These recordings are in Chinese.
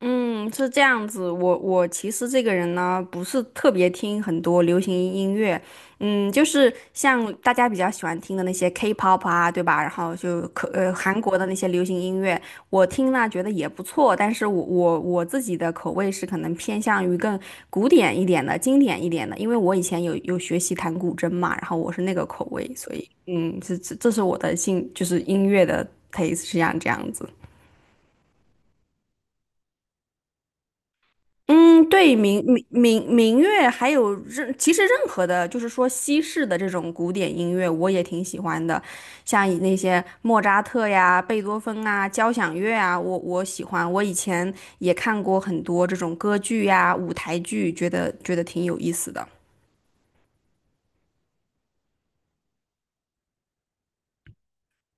嗯，是这样子。我其实这个人呢，不是特别听很多流行音乐，就是像大家比较喜欢听的那些 K-pop 啊，对吧？然后就韩国的那些流行音乐，我听了觉得也不错，但是我自己的口味是可能偏向于更古典一点的、经典一点的，因为我以前有学习弹古筝嘛，然后我是那个口味，所以这是我的兴，就是音乐的 taste 是这样子。嗯，对，民乐，还有任，其实任何的，就是说西式的这种古典音乐，我也挺喜欢的，像那些莫扎特呀、贝多芬啊、交响乐啊，我喜欢。我以前也看过很多这种歌剧呀、舞台剧，觉得挺有意思的。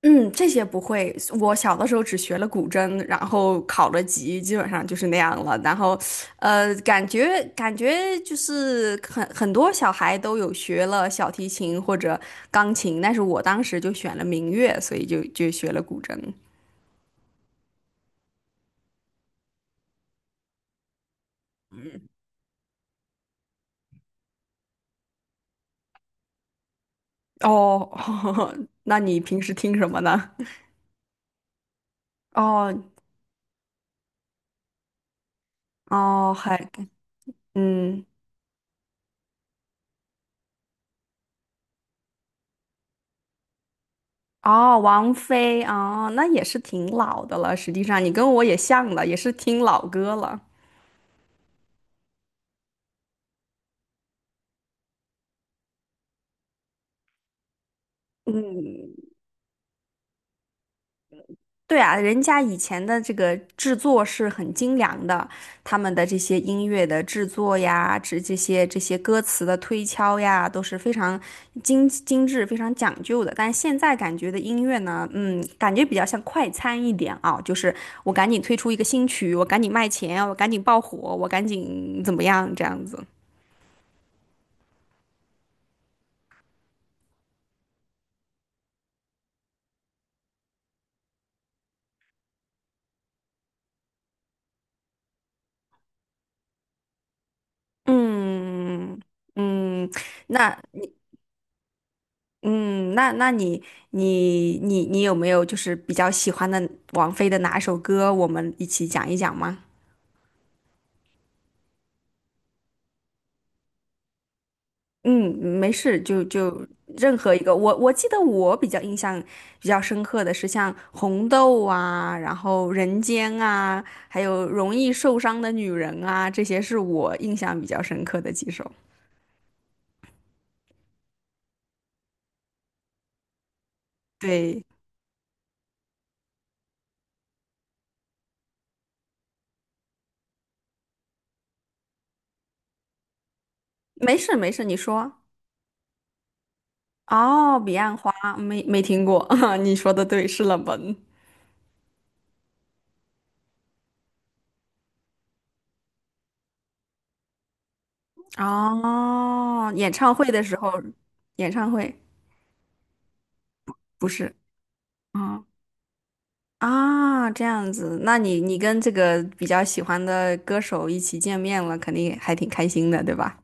嗯，这些不会。我小的时候只学了古筝，然后考了级，基本上就是那样了。然后，感觉就是很多小孩都有学了小提琴或者钢琴，但是我当时就选了民乐，所以就学了古筝。哦，那你平时听什么呢？哦哦，还嗯哦，王菲哦，那也是挺老的了。实际上，你跟我也像了，也是听老歌了。嗯，对啊，人家以前的这个制作是很精良的，他们的这些音乐的制作呀，这些歌词的推敲呀，都是非常精致、非常讲究的。但现在感觉的音乐呢，感觉比较像快餐一点啊，就是我赶紧推出一个新曲，我赶紧卖钱，我赶紧爆火，我赶紧怎么样这样子。嗯嗯，那。嗯，那你有没有就是比较喜欢的王菲的哪首歌？我们一起讲一讲吗？嗯，没事，就任何一个。我记得我比较印象比较深刻的是像《红豆》啊，然后《人间》啊，还有《容易受伤的女人》啊，这些是我印象比较深刻的几首。对，没事没事，你说。哦，《彼岸花》没听过，你说的对，是冷门。哦，演唱会的时候。演唱会不是啊啊，这样子，那你跟这个比较喜欢的歌手一起见面了，肯定还挺开心的，对吧？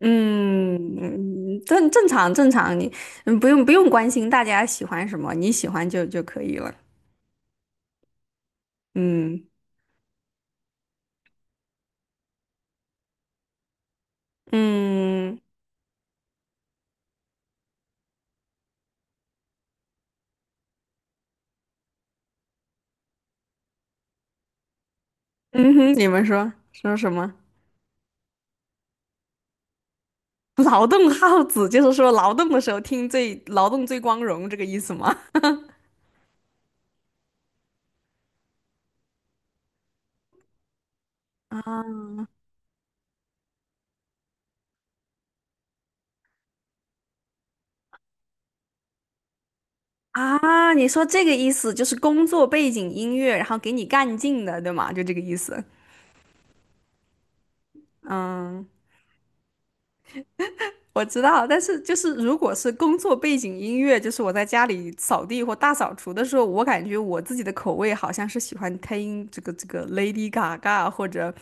嗯，嗯，正常正常，你不用不用关心大家喜欢什么，你喜欢就可以了。嗯嗯嗯哼，你们说说什么？劳动号子就是说劳动的时候听最劳动最光荣这个意思吗？啊。啊，你说这个意思就是工作背景音乐，然后给你干劲的，对吗？就这个意思。嗯，我知道，但是就是如果是工作背景音乐，就是我在家里扫地或大扫除的时候，我感觉我自己的口味好像是喜欢听这个 Lady Gaga 或者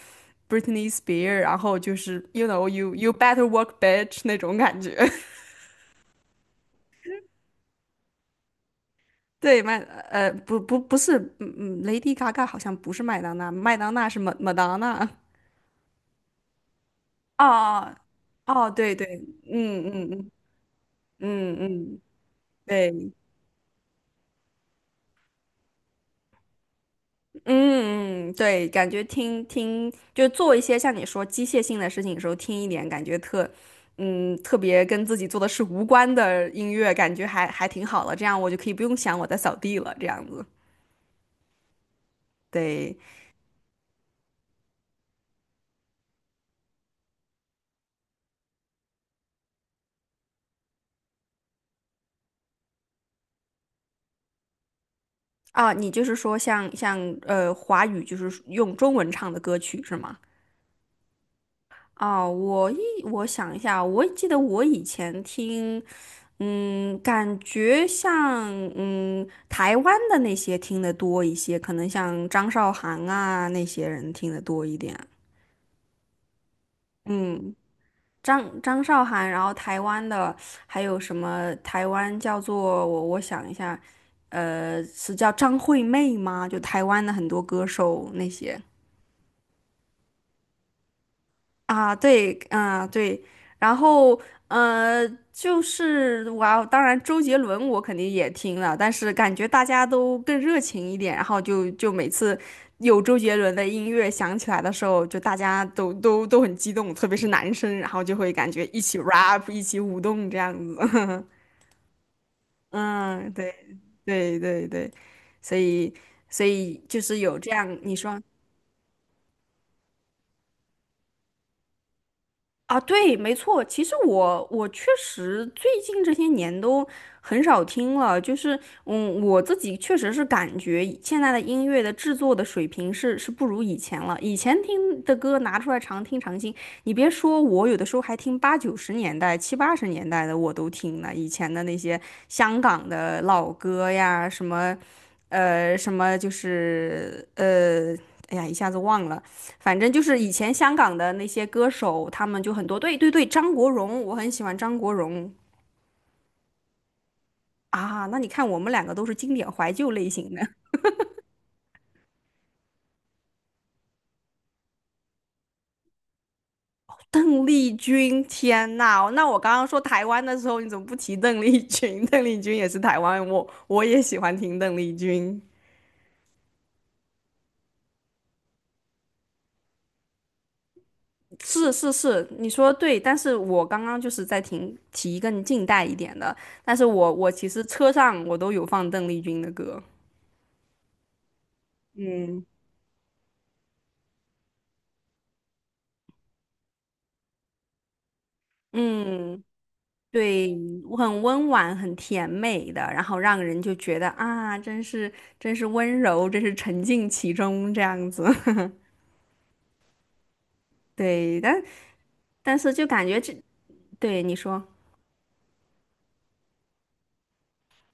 Britney Spears，然后就是 you know you better work bitch 那种感觉。对，不不不是，嗯嗯，Lady Gaga 好像不是麦当娜，麦当娜是 m a 麦当娜。哦哦，对对，嗯嗯嗯嗯嗯，对，嗯嗯，对，感觉听听就做一些像你说机械性的事情的时候，听一点感觉特别跟自己做的事无关的音乐，感觉还挺好了。这样我就可以不用想我在扫地了，这样子。对啊，你就是说像华语就是用中文唱的歌曲是吗？哦，我想一下，我记得我以前听，嗯，感觉像台湾的那些听得多一些，可能像张韶涵啊那些人听得多一点。嗯，张韶涵，然后台湾的还有什么？台湾叫做我想一下，呃，是叫张惠妹吗？就台湾的很多歌手那些。啊，对，啊，对，然后呃，就是哇，当然周杰伦我肯定也听了，但是感觉大家都更热情一点，然后就每次有周杰伦的音乐响起来的时候，就大家都很激动，特别是男生，然后就会感觉一起 rap，一起舞动这样子。嗯，对对对对，所以所以就是有这样，你说。啊，对，没错。其实我确实最近这些年都很少听了，就是我自己确实是感觉现在的音乐的制作的水平是不如以前了。以前听的歌拿出来常听常新，你别说我有的时候还听八九十年代、七八十年代的我都听了。以前的那些香港的老歌呀，什么就是哎呀，一下子忘了。反正就是以前香港的那些歌手，他们就很多。对对对，张国荣，我很喜欢张国荣啊。那你看，我们两个都是经典怀旧类型的。邓丽君，天呐，那我刚刚说台湾的时候，你怎么不提邓丽君？邓丽君也是台湾，我也喜欢听邓丽君。是是是，你说的对，但是我刚刚就是在听提更近代一点的，但是我其实车上我都有放邓丽君的歌。嗯，嗯，对，很温婉，很甜美的，然后让人就觉得啊，真是温柔，真是沉浸其中这样子。对，但是就感觉这，对你说，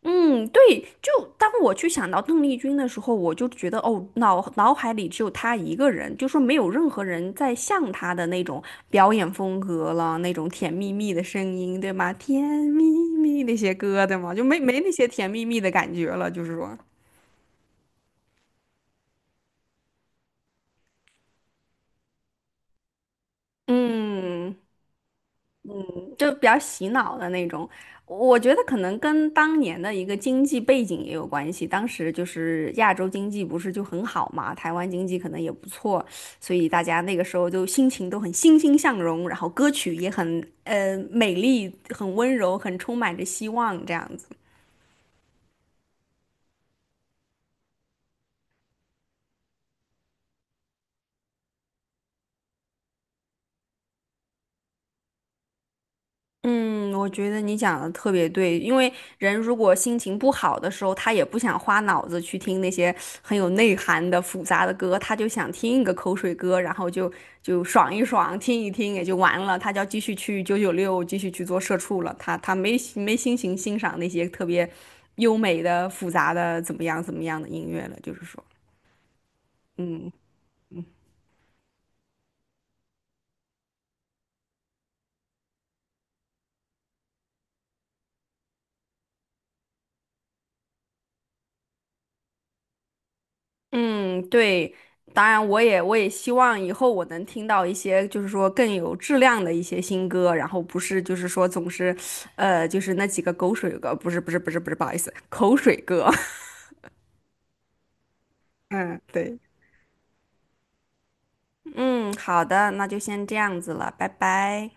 嗯，对，就当我去想到邓丽君的时候，我就觉得哦，脑海里只有她一个人，就说没有任何人在像她的那种表演风格了，那种甜蜜蜜的声音，对吗？甜蜜蜜那些歌，对吗？就没那些甜蜜蜜的感觉了，就是说，嗯。就比较洗脑的那种。我觉得可能跟当年的一个经济背景也有关系，当时就是亚洲经济不是就很好嘛，台湾经济可能也不错，所以大家那个时候就心情都很欣欣向荣，然后歌曲也很美丽、很温柔、很充满着希望这样子。嗯，我觉得你讲的特别对，因为人如果心情不好的时候，他也不想花脑子去听那些很有内涵的复杂的歌，他就想听一个口水歌，然后就爽一爽，听一听也就完了。他就要继续去九九六，继续去做社畜了。他没心情欣赏那些特别优美的、复杂的怎么样怎么样的音乐了，就是说，嗯。嗯，对，当然我也希望以后我能听到一些就是说更有质量的一些新歌，然后不是就是说总是，就是那几个狗水歌，不是不是不是不是，不好意思，口水歌。嗯，对。嗯，好的，那就先这样子了，拜拜。